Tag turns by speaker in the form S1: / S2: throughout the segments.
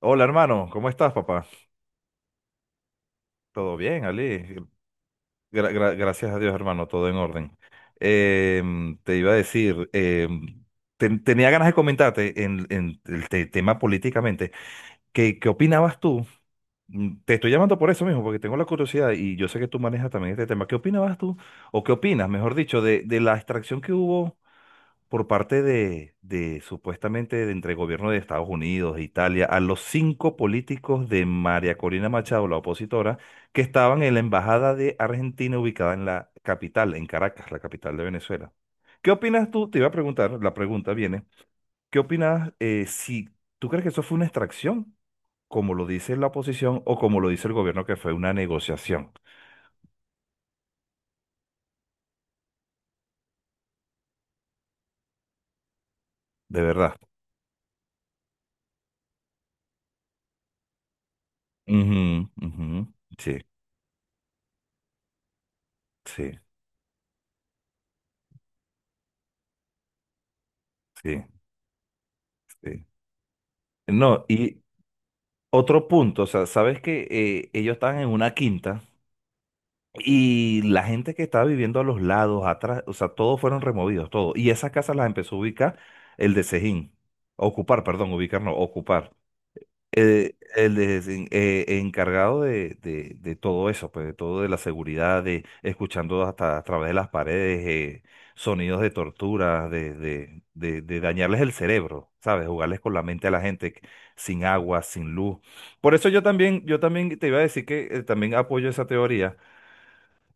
S1: Hola hermano, ¿cómo estás papá? ¿Todo bien, Ali? Gracias a Dios hermano, todo en orden. Te iba a decir, tenía ganas de comentarte en el tema políticamente, ¿qué opinabas tú? Te estoy llamando por eso mismo, porque tengo la curiosidad y yo sé que tú manejas también este tema. ¿Qué opinabas tú? ¿O qué opinas, mejor dicho, de la extracción que hubo? Por parte de supuestamente de entre el gobierno de Estados Unidos e Italia a los cinco políticos de María Corina Machado, la opositora, que estaban en la embajada de Argentina ubicada en la capital, en Caracas, la capital de Venezuela. ¿Qué opinas tú? Te iba a preguntar, la pregunta viene, ¿qué opinas si tú crees que eso fue una extracción, como lo dice la oposición o como lo dice el gobierno que fue una negociación? De verdad. Ujú, ujú. Sí, sí, sí, sí. No, y otro punto, o sea, sabes que ellos estaban en una quinta y la gente que estaba viviendo a los lados, atrás, o sea, todos fueron removidos, todos. Y esas casas las empezó a ubicar el de Sejín, ocupar, perdón, ubicar no, ocupar el encargado de todo eso, pues de todo de la seguridad, de escuchando hasta a través de las paredes sonidos de tortura, de dañarles el cerebro, ¿sabes? Jugarles con la mente a la gente que sin agua, sin luz. Por eso yo también te iba a decir que también apoyo esa teoría,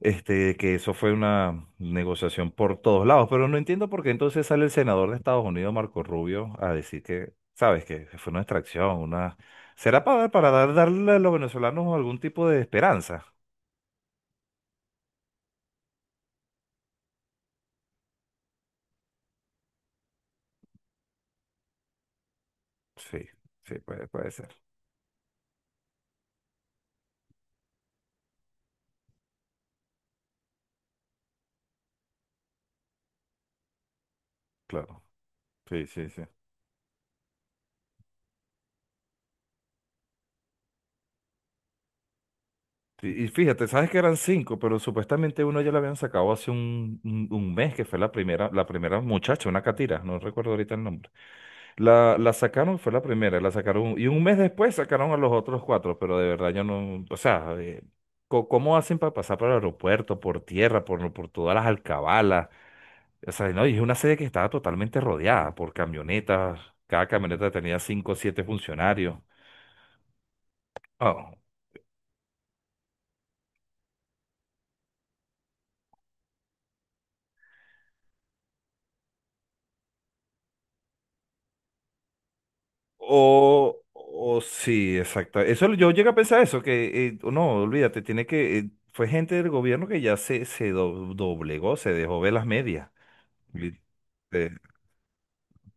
S1: que eso fue una negociación por todos lados, pero no entiendo por qué entonces sale el senador de Estados Unidos, Marco Rubio, a decir que, sabes, que fue una extracción, una... ¿Será para darle a los venezolanos algún tipo de esperanza? Sí, sí, puede ser, claro. Sí, sí, sí. Y fíjate, sabes que eran cinco, pero supuestamente uno ya lo habían sacado hace un mes, que fue la primera muchacha, una catira, no recuerdo ahorita el nombre. La sacaron, fue la primera, la sacaron y un mes después sacaron a los otros cuatro, pero de verdad yo no, o sea, ¿cómo hacen para pasar por el aeropuerto, por tierra, por todas las alcabalas? O sea, no, y es una sede que estaba totalmente rodeada por camionetas, cada camioneta tenía cinco o siete funcionarios. Ah, o sí, exacto. Eso yo llegué a pensar eso, que no, olvídate, tiene que, fue gente del gobierno que ya se doblegó, se dejó ver las medias. Li-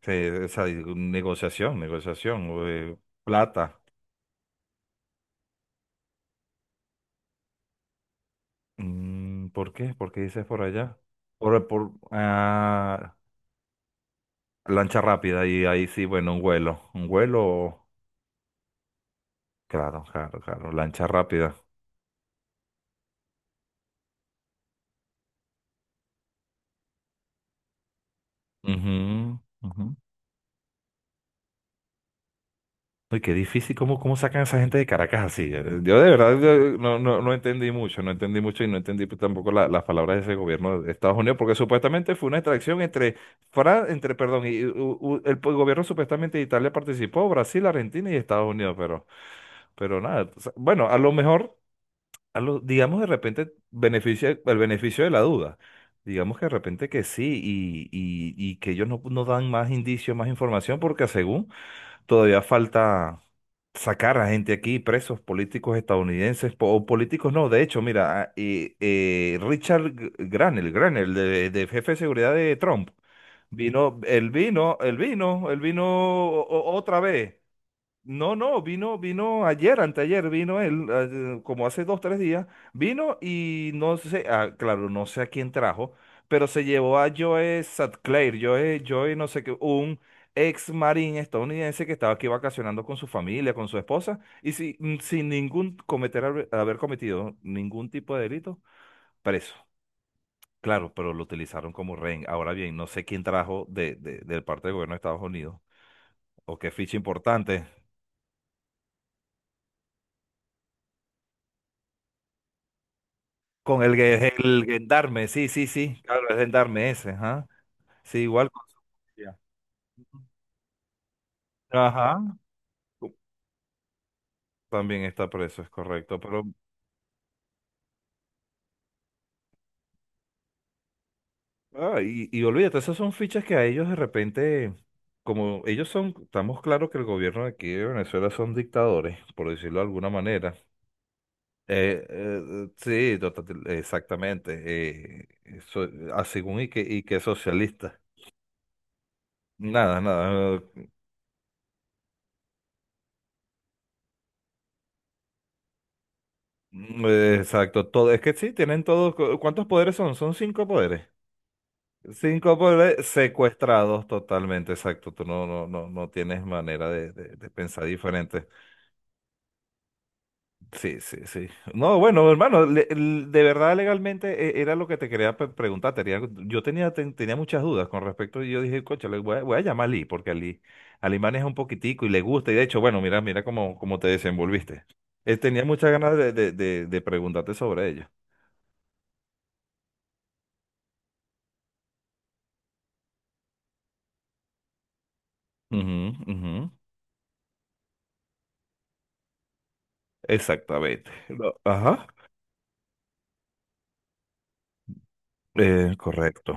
S1: Sí, esa negociación, o, plata. ¿Por qué? ¿Por qué dices por allá? Por lancha rápida, y ahí sí, bueno, un vuelo. Un vuelo, claro, claro, claro, lancha rápida. Ujú, ujú. Uy, qué difícil, ¿cómo sacan a esa gente de Caracas así? Yo de verdad yo no entendí mucho, no entendí mucho y no entendí pues, tampoco las palabras de ese gobierno de Estados Unidos, porque supuestamente fue una extracción entre, entre, perdón, y, el gobierno supuestamente de Italia participó, Brasil, Argentina y Estados Unidos, pero nada, o sea, bueno, a lo mejor, digamos de repente, beneficia, el beneficio de la duda. Digamos que de repente que sí y que ellos no dan más indicios, más información, porque según todavía falta sacar a gente aquí, presos políticos estadounidenses, o políticos no, de hecho, mira, Richard Granel, de jefe de seguridad de Trump, vino, él vino o- otra vez. No, no, vino ayer, anteayer, vino él, como hace 2, 3 días, vino y no sé, ah, claro, no sé a quién trajo, pero se llevó a Joe Sutcliffe, Joe no sé qué, un ex marín estadounidense que estaba aquí vacacionando con su familia, con su esposa, y sin ningún cometer, haber cometido ningún tipo de delito, preso. Claro, pero lo utilizaron como rehén. Ahora bien, no sé quién trajo del parte del gobierno de Estados Unidos, o qué ficha importante. Con el, el gendarme, sí, sí, sí, claro, el gendarme ese, ajá. Sí, igual con su policía. Ajá. También está preso, es correcto, pero... Ah, y olvídate, esas son fichas que a ellos de repente, como ellos son, estamos claros que el gobierno de aquí de Venezuela son dictadores, por decirlo de alguna manera. Sí, exactamente. Eso, según y que socialista. Nada, nada. Mm, Exacto, todo. Es que sí, tienen todos. ¿Cuántos poderes son? Son cinco poderes. Cinco poderes secuestrados totalmente, exacto. Tú no tienes manera de pensar diferente. Sí, sí, sí. No, bueno, hermano, de verdad legalmente era lo que te quería preguntar. Yo tenía muchas dudas con respecto y yo dije, coche, le voy a, llamar a Lee, porque a Lee maneja un poquitico y le gusta. Y de hecho, bueno, mira, mira cómo te desenvolviste. Tenía muchas ganas de preguntarte sobre ello. Ujú, ujú. Exactamente. No, ajá. Correcto.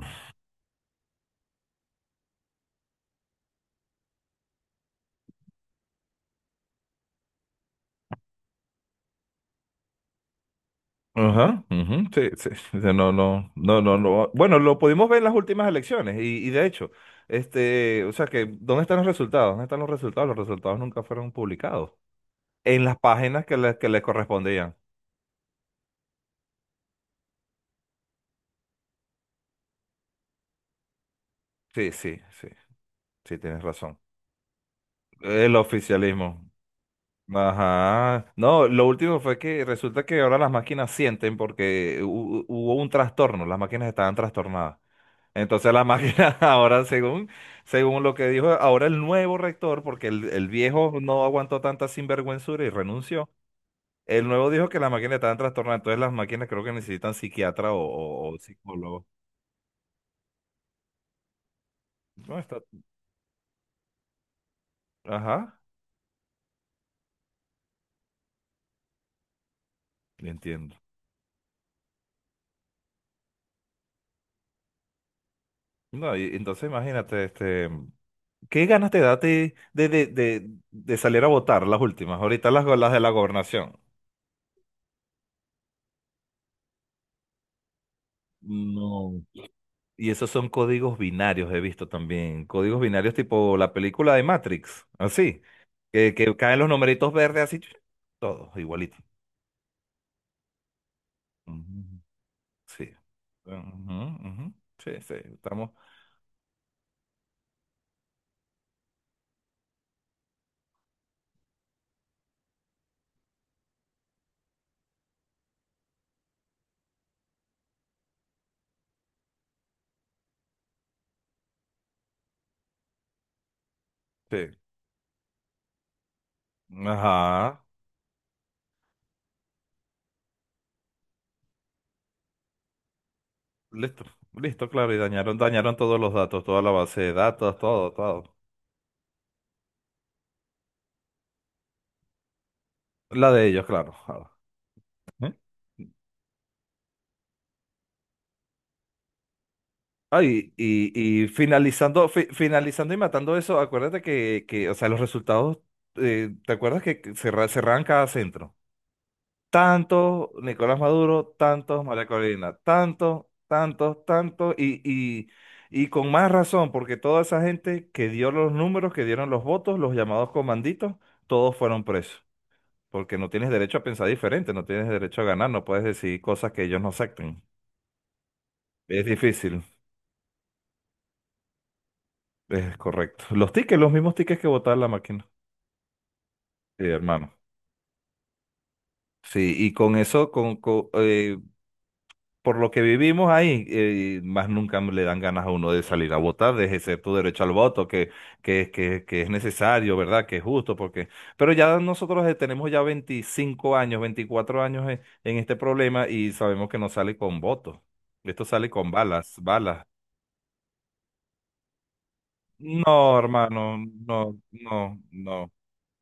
S1: Ajá. Ujú, sí, sí. O sea, no, no, no, no, no. Bueno, lo pudimos ver en las últimas elecciones y de hecho, o sea que, ¿dónde están los resultados? ¿Dónde están los resultados? Los resultados nunca fueron publicados. En las páginas que que le correspondían. Sí, sí, sí. Sí, tienes razón. El oficialismo. Ajá. No, lo último fue que resulta que ahora las máquinas sienten porque hubo un trastorno, las máquinas estaban trastornadas. Entonces la máquina ahora, según, según lo que dijo ahora el nuevo rector, porque el viejo no aguantó tanta sinvergüenzura y renunció, el nuevo dijo que la máquina estaba en trastorno, entonces las máquinas creo que necesitan psiquiatra o psicólogo. No está. Ajá, le entiendo. No, y entonces imagínate, ¿qué ganas te da a ti de salir a votar las últimas? Ahorita las de la gobernación. No. Y esos son códigos binarios, he visto también. Códigos binarios tipo la película de Matrix, así. Que caen los numeritos verdes así, todos igualito. Ujú, sí. Ujú, ujú. Sí, sí, estamos. Sí. Ajá. Listo, listo, claro. Y dañaron, dañaron todos los datos, toda la base de datos, todo, todo. La de ellos, claro. Claro. ¿Eh? Ay, y finalizando, finalizando y matando eso, acuérdate que o sea, los resultados, ¿te acuerdas que cerraban cada centro? Tanto Nicolás Maduro, tanto María Corina, tanto, tanto, tanto, y con más razón, porque toda esa gente que dio los números, que dieron los votos, los llamados comanditos, todos fueron presos, porque no tienes derecho a pensar diferente, no tienes derecho a ganar, no puedes decir cosas que ellos no acepten. Es difícil. Es correcto. Los tickets, los mismos tickets que votaba la máquina. Sí, hermano. Sí, y con eso, por lo que vivimos ahí, más nunca le dan ganas a uno de salir a votar, de ejercer tu derecho al voto, que es necesario, ¿verdad? Que es justo, porque... Pero ya nosotros tenemos ya 25 años, 24 años en este problema y sabemos que no sale con votos. Esto sale con balas, balas. No, hermano, no, no, no.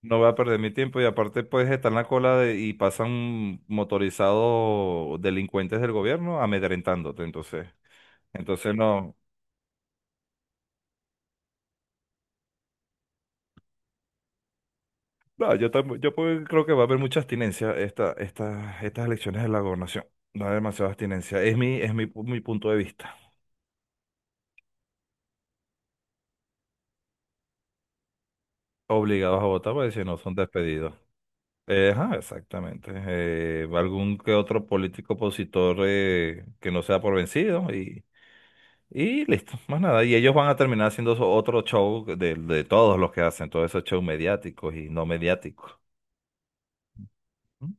S1: No voy a perder mi tiempo y aparte puedes estar en la cola de- y pasan motorizados delincuentes del gobierno amedrentándote, entonces. Entonces no, no, yo tam- yo puedo- creo que va a haber mucha abstinencia estas elecciones de la gobernación. Va a haber demasiada abstinencia. Mi punto de vista. Obligados a votar porque si no son despedidos. Ajá, exactamente. Algún que otro político opositor que no sea por vencido. Y listo, más nada. Y ellos van a terminar haciendo otro show de todos los que hacen, todos esos shows mediáticos y no mediáticos. ¿Mm?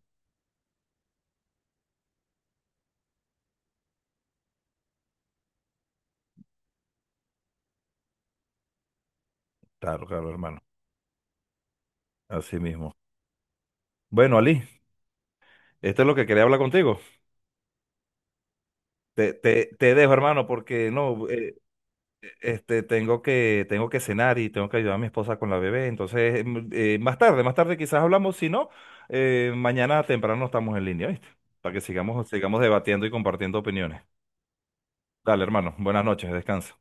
S1: Claro, claro, hermano. Así mismo. Bueno, Ali, esto es lo que quería hablar contigo. Te dejo, hermano, porque no, tengo que, cenar y tengo que ayudar a mi esposa con la bebé. Entonces, más tarde quizás hablamos. Si no, mañana temprano estamos en línea, ¿viste? Para que sigamos, debatiendo y compartiendo opiniones. Dale, hermano. Buenas noches, descansa.